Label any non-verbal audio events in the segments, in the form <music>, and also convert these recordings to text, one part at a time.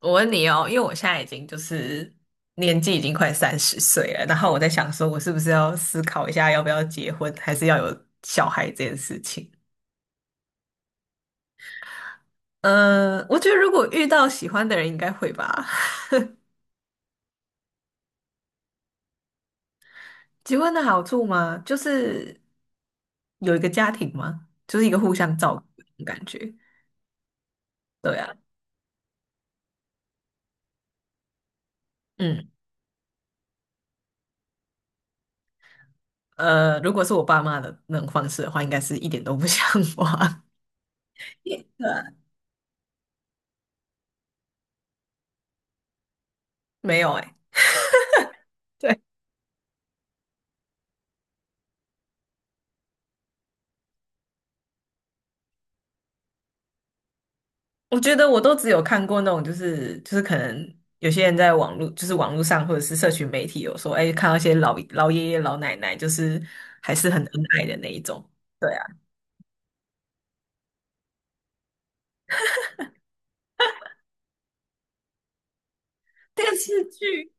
我问你哦，因为我现在已经就是年纪已经快30岁了，然后我在想说，我是不是要思考一下要不要结婚，还是要有小孩这件事情？我觉得如果遇到喜欢的人，应该会吧。<laughs> 结婚的好处吗？就是有一个家庭嘛，就是一个互相照顾的感觉。对啊，嗯，如果是我爸妈的那种方式的话，应该是一点都不 <laughs> 像话。<laughs> 对啊，没有哎、我觉得我都只有看过那种，就是可能有些人在网络，就是网络上或者是社群媒体有说，哎，看到一些老爷爷老奶奶，就是还是很恩爱的那一种。对啊，电视剧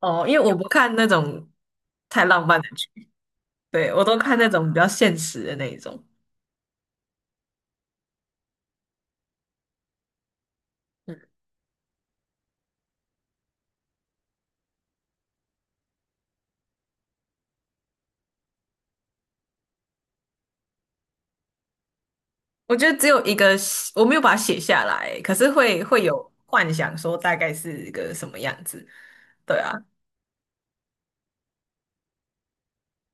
哦，因为我不看那种太浪漫的剧。对，我都看那种比较现实的那一种。嗯，我觉得只有一个，我没有把它写下来，可是会有幻想说大概是一个什么样子。对啊。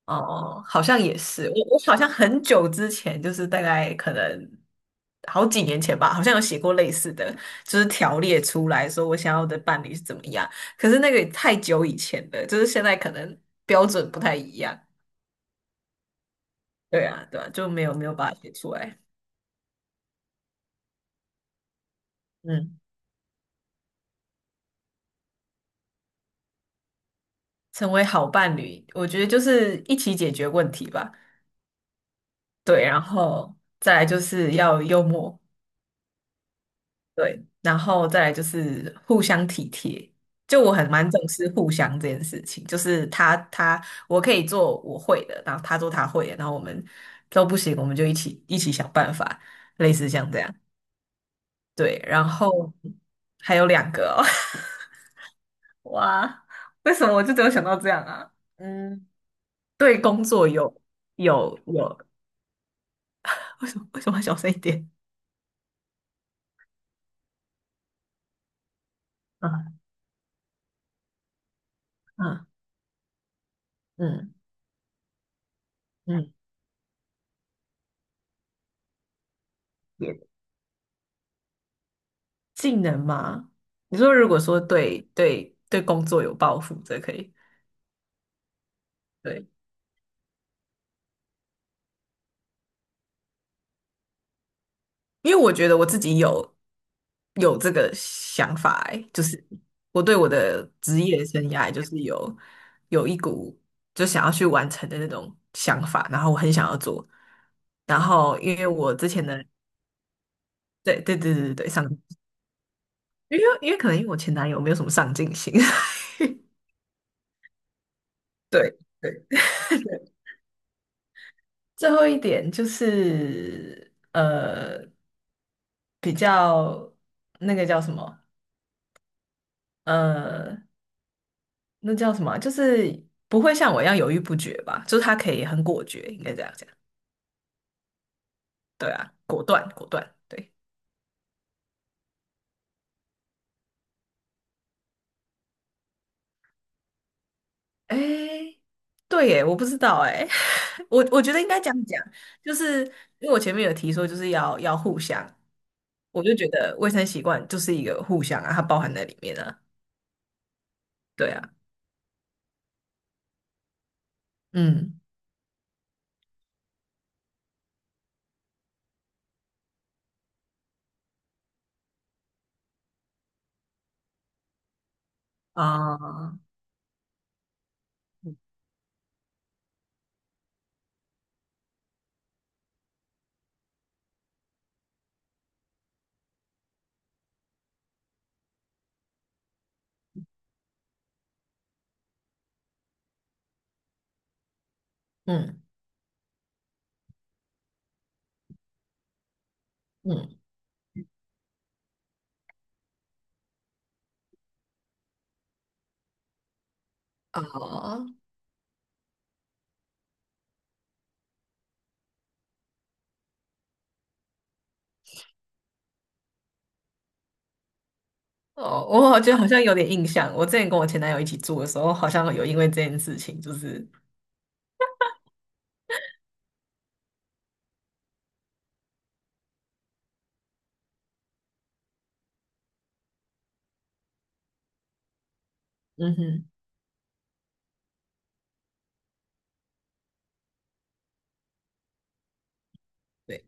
哦，好像也是，我好像很久之前，就是大概可能好几年前吧，好像有写过类似的，就是条列出来说我想要的伴侣是怎么样。可是那个也太久以前了，就是现在可能标准不太一样。对啊，对啊，就没有把它写出来。嗯，成为好伴侣，我觉得就是一起解决问题吧。对，然后再来就是要幽默，对，然后再来就是互相体贴。就我很蛮重视互相这件事情，就是他我可以做我会的，然后他做他会的，然后我们都不行，我们就一起想办法，类似像这样。对，然后还有2个哦，<laughs> 哇，为什么我就只有想到这样啊？嗯，对工作有有，<laughs> 为什么要小声一点？嗯嗯嗯嗯，也技能吗？你说如果说对工作有抱负，这可以。对，因为我觉得我自己有这个想法、欸，就是我对我的职业生涯就是有一股就想要去完成的那种想法，然后我很想要做。然后因为我之前的对对对对对上，因为可能因为我前男友没有什么上进心，<laughs> 对。对，最后一点就是比较那个叫什么？呃，那叫什么啊，就是不会像我一样犹豫不决吧？就是他可以很果决，应该这样讲。对啊，果断，果断。对，哎，对耶，我不知道哎，<laughs> 我觉得应该这样讲，就是因为我前面有提说就是要互相，我就觉得卫生习惯就是一个互相啊，它包含在里面啊。对啊，嗯啊，嗯嗯。哦哦，我好像有点印象，我之前跟我前男友一起住的时候，好像有因为这件事情，就是嗯哼，对，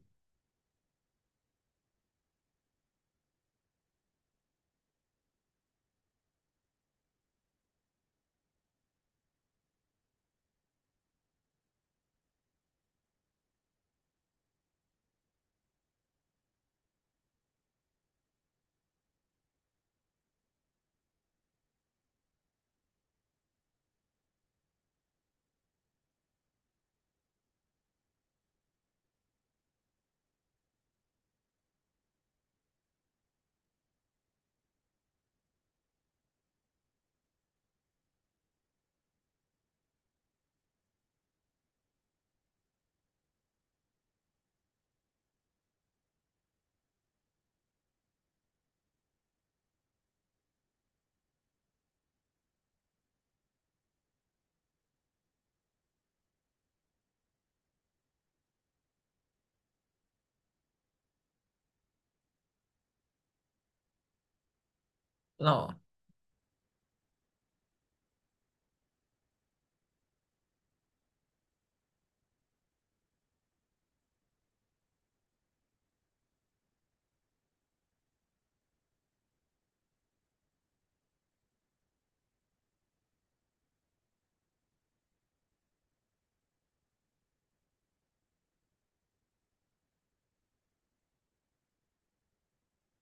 哦，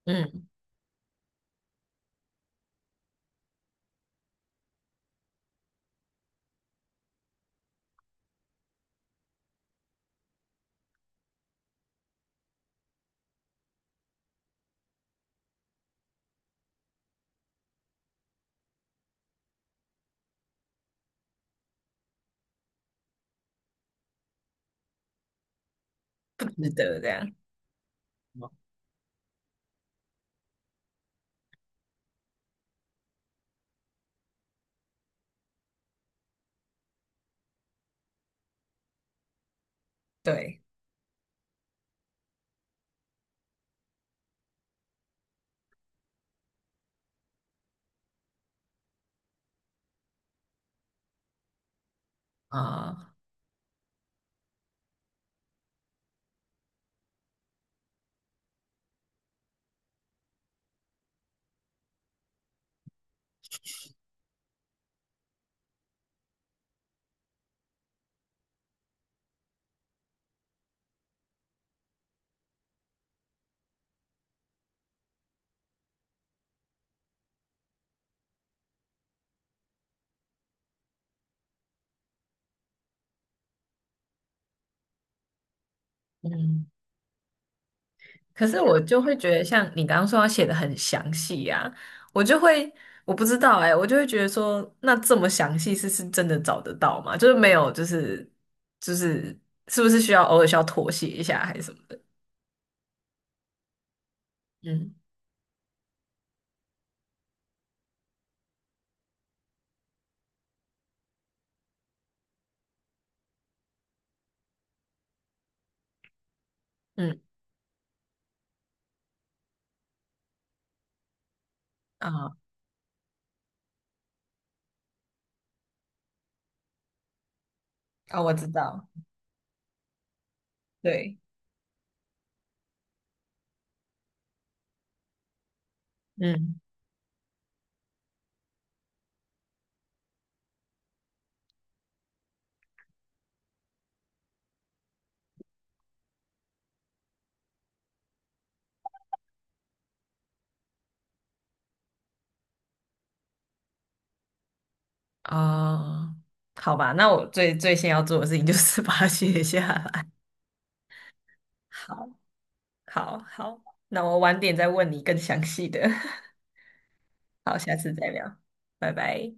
嗯，不值得这样，对啊，嗯，可是我就会觉得，像你刚刚说要写的很详细啊，我就会，我不知道哎、我就会觉得说，那这么详细是真的找得到吗？就是没有，就是是不是需要偶尔需要妥协一下还是什么的？嗯嗯啊啊，我知道，对。嗯。哦，好吧，那我最先要做的事情就是把它写下来。<laughs> 好，好，好，那我晚点再问你更详细的。<laughs> 好，下次再聊，拜拜。